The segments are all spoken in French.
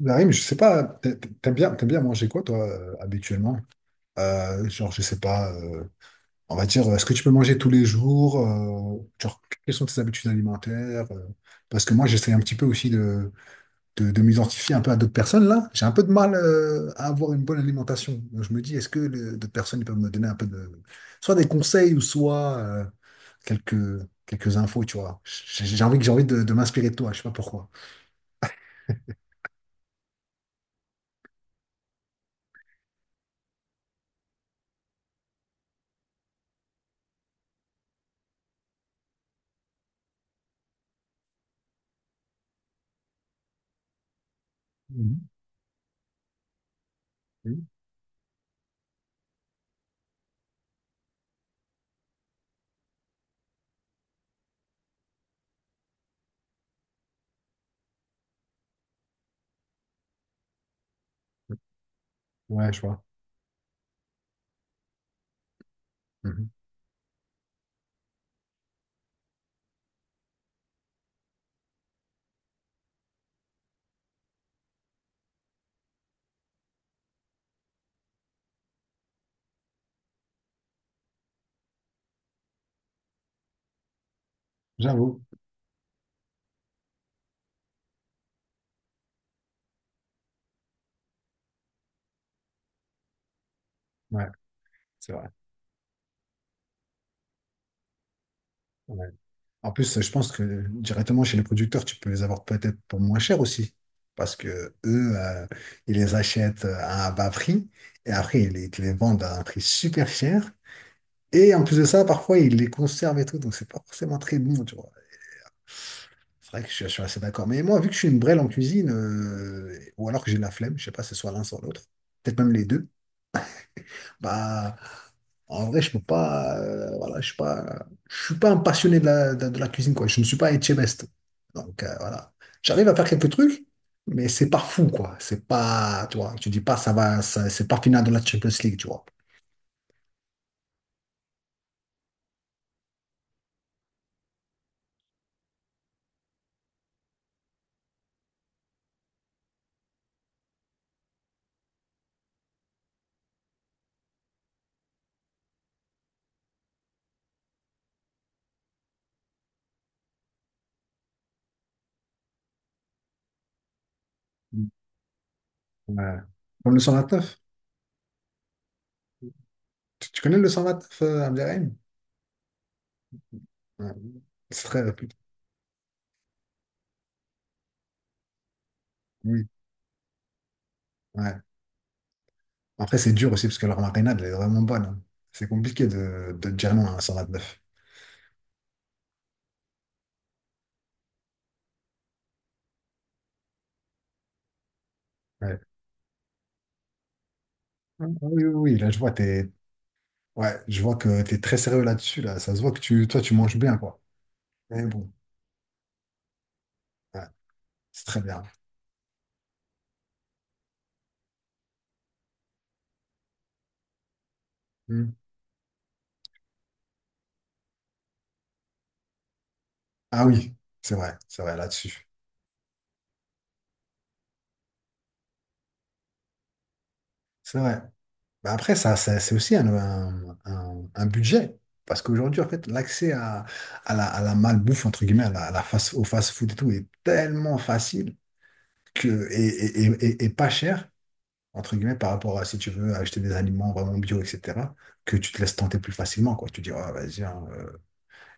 Bah oui, je sais pas, t'aimes bien manger quoi, toi, habituellement? Genre, je sais pas, on va dire, est-ce que tu peux manger tous les jours? Genre, quelles sont tes habitudes alimentaires? Parce que moi, j'essaie un petit peu aussi de m'identifier un peu à d'autres personnes, là. J'ai un peu de mal, à avoir une bonne alimentation. Donc, je me dis, est-ce que d'autres personnes ils peuvent me donner un peu de, soit des conseils ou soit, quelques, quelques infos, tu vois. J'ai envie, j'ai envie de m'inspirer de toi, je sais pas pourquoi. Mhm. Oui. Ouais, je vois. Mhm. J'avoue. Ouais, c'est vrai. Ouais. En plus, je pense que directement chez les producteurs, tu peux les avoir peut-être pour moins cher aussi. Parce que eux, ils les achètent à un bas prix et après, ils te les vendent à un prix super cher. Et en plus de ça, parfois, ils les conservent et tout, donc c'est pas forcément très bon, tu vois. C'est vrai que je suis assez d'accord. Mais moi, vu que je suis une brêle en cuisine, ou alors que j'ai la flemme, je sais pas, c'est soit l'un, soit l'autre, peut-être même les deux, bah, en vrai, je peux pas, voilà, je suis pas un passionné de la, de la cuisine, quoi. Je ne suis pas Etchebest. Donc, voilà. J'arrive à faire quelques trucs, mais c'est pas fou, quoi. C'est pas, tu vois, tu dis pas, ça va, c'est pas final de la Champions League, tu vois. Ouais. Comme le 129. Tu connais le 129 à Abderrahim? Ouais. C'est très réputé. Oui. Ouais. Après, c'est dur aussi parce que leur marinade, elle est vraiment bonne, hein. C'est compliqué de dire non à un 129. Ouais. Ah, ah, oui, oui, oui, là, je vois, t'es... Ouais, je vois que tu es très sérieux là-dessus, là. Ça se voit que toi, tu manges bien, quoi. Mais bon. Ouais. C'est très bien. Hmm. Ah oui, c'est vrai là-dessus. C'est vrai. Mais après, c'est aussi un budget. Parce qu'aujourd'hui, en fait, l'accès à, à la malbouffe, entre guillemets, au fast-food et tout, est tellement facile que, et pas cher, entre guillemets, par rapport à si tu veux acheter des aliments vraiment bio, etc., que tu te laisses tenter plus facilement, quoi. Tu dis, Ah, vas-y, hein,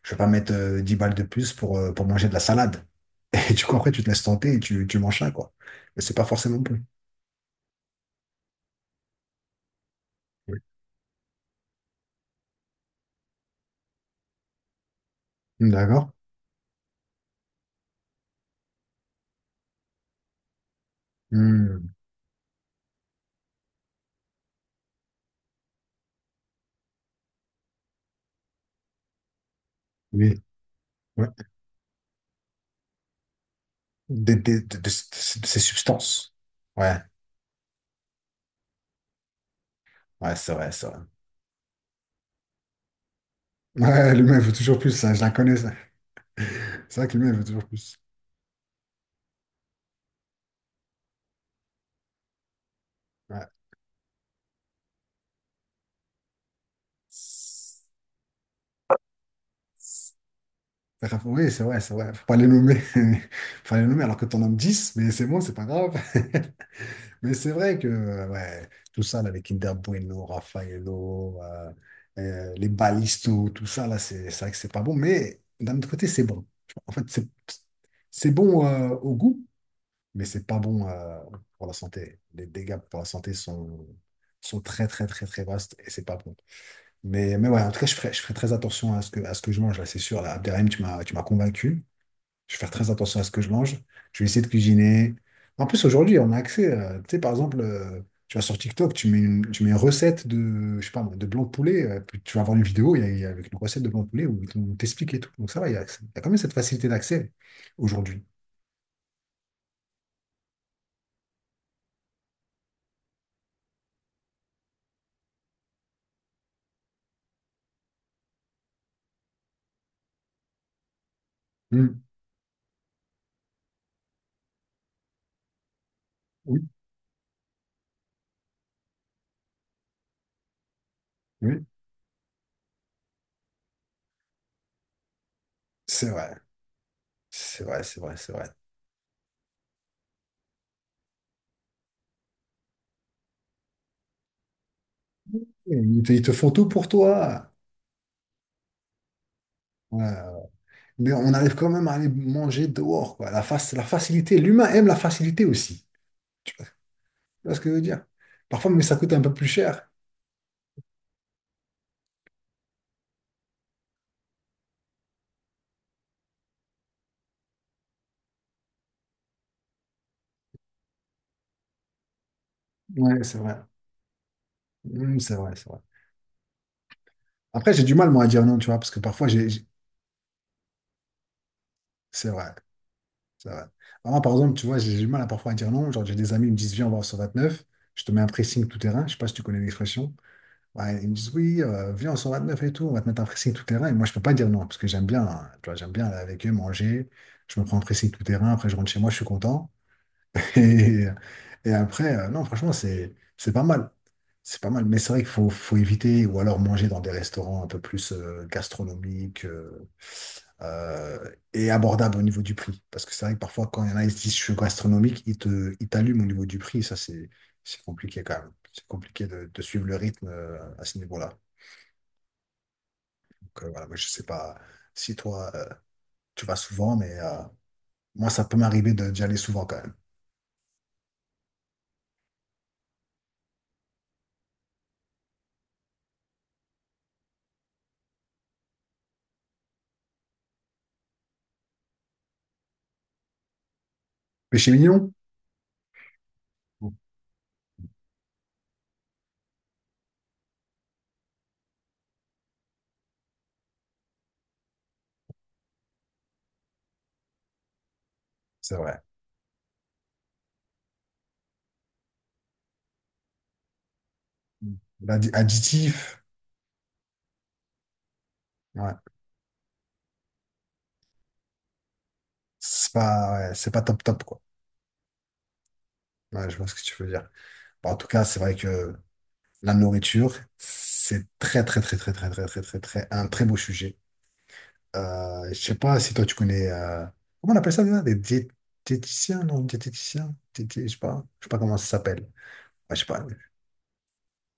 je vais pas mettre 10 balles de plus pour manger de la salade. Et du coup, après, tu te laisses tenter et tu manges ça, quoi. Mais c'est pas forcément bon. Oui. D'accord. Hmm. Oui. Ouais. Ces substances. Ouais. Ouais, c'est vrai, c'est vrai. Ouais, l'humain veut toujours plus, ça, je la connais, ça. C'est vrai que l'humain veut toujours plus. Ouais. C'est Oui, c'est vrai, c'est vrai. Faut pas les nommer. Faut pas les nommer alors que t'en nommes 10 mais c'est bon, c'est pas grave. Mais c'est vrai que ouais, tout ça, là, les Kinder Bueno, Raffaello, les balisto tout ça, là, c'est vrai que c'est pas bon. Mais d'un autre côté, c'est bon. Tu vois, en fait, c'est bon au goût, mais c'est pas bon pour la santé. Les dégâts pour la santé sont très, très, très, très vastes et c'est pas bon. Mais ouais, en tout cas, je ferai très attention à ce que je mange, là, c'est sûr. Là, Abderrahim, tu m'as convaincu. Je vais faire très attention à ce que je mange. Je vais essayer de cuisiner. En plus, aujourd'hui, on a accès. Tu sais, par exemple, tu vas sur TikTok, tu mets une recette de, je sais pas, moi, de blanc de poulet. Puis tu vas avoir une vidéo il y a avec une recette de blanc de poulet où on t'explique et tout. Donc ça va, il y a quand même cette facilité d'accès aujourd'hui. Mm. Oui, oui, c'est vrai. C'est vrai, c'est vrai, c'est vrai. Et ils te font tout pour toi. Ouais, ouais. Mais on arrive quand même à aller manger dehors, quoi. La facilité. L'humain aime la facilité aussi. Tu vois ce que je veux dire? Parfois, mais ça coûte un peu plus cher. Ouais, c'est vrai. Mm, c'est vrai, c'est vrai. Après, j'ai du mal, moi, à dire non, tu vois, parce que parfois, C'est vrai, c'est vrai. Moi, par exemple, tu vois, j'ai du mal à parfois à dire non. Genre, j'ai des amis, ils me disent, viens, on va au neuf. Je te mets un pressing tout terrain. Je sais pas si tu connais l'expression. Ouais, ils me disent oui, viens, on 129 et tout, on va te mettre un pressing tout terrain. Et moi, je peux pas dire non, parce que j'aime bien, hein, tu vois, j'aime bien aller avec eux, manger. Je me prends un pressing tout terrain, après je rentre chez moi, je suis content. Et, et après, non, franchement, c'est pas mal. C'est pas mal. Mais c'est vrai qu'il faut éviter ou alors manger dans des restaurants un peu plus gastronomiques euh, et abordables au niveau du prix. Parce que c'est vrai que parfois, quand il y en a, ils se disent je suis gastronomique, ils t'allument au niveau du prix. Ça, c'est compliqué quand même. C'est compliqué de, suivre le rythme à ce niveau-là. Donc voilà, moi, je sais pas si toi, tu vas souvent, mais moi, ça peut m'arriver d'y aller souvent quand même. Péché mignon. Mm. C'est vrai. Mm. Additif, ouais. C'est pas, ouais, c'est pas top top, quoi. Ouais, je vois ce que tu veux dire. Bon, en tout cas, c'est vrai que la nourriture, c'est très, très, très, très, très, très, très, très, très, un très beau sujet. Je sais pas si toi, tu connais, comment on appelle ça déjà? Des diététiciens, non, diététiciens, je sais pas comment ça s'appelle. Ouais, je sais pas.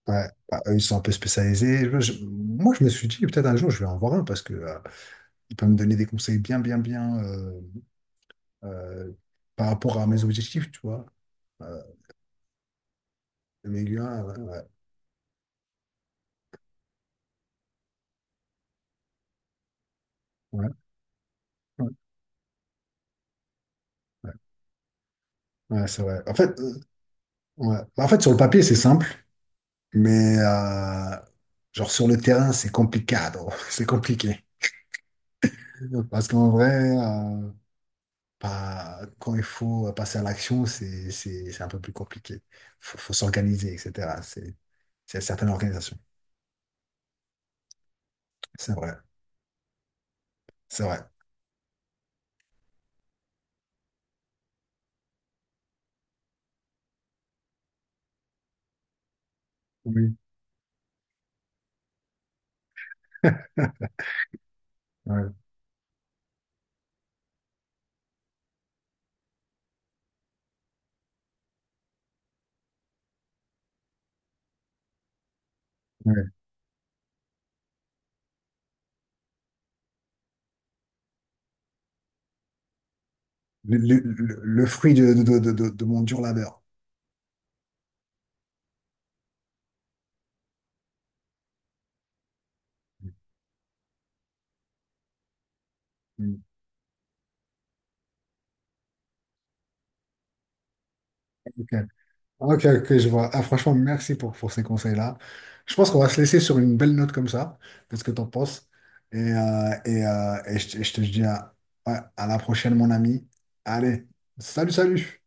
Ouais, bah, eux, ils sont un peu spécialisés. Moi, je me suis dit, peut-être un jour, je vais en voir un parce que il peut me donner des conseils bien, bien, bien euh, par rapport à mes objectifs, tu vois. Euh, mais ouais, ouais, ouais, ouais, ouais. Ouais, c'est vrai. En fait, ouais. Bah, en fait, sur le papier, c'est simple, mais genre sur le terrain, c'est compliqué. C'est compliqué. Parce qu'en vrai, euh, bah, quand il faut passer à l'action, c'est un peu plus compliqué. Faut s'organiser, etc. C'est certaines organisations. C'est vrai. C'est vrai. Oui. Ouais, ouais. Le fruit de mon dur labeur. Mm. Ok, ok, ok, je vois. Ah, franchement, merci pour ces conseils-là. Je pense qu'on va se laisser sur une belle note comme ça. Qu'est-ce que tu en penses? Et je te dis ouais, à la prochaine, mon ami. Allez, salut, salut!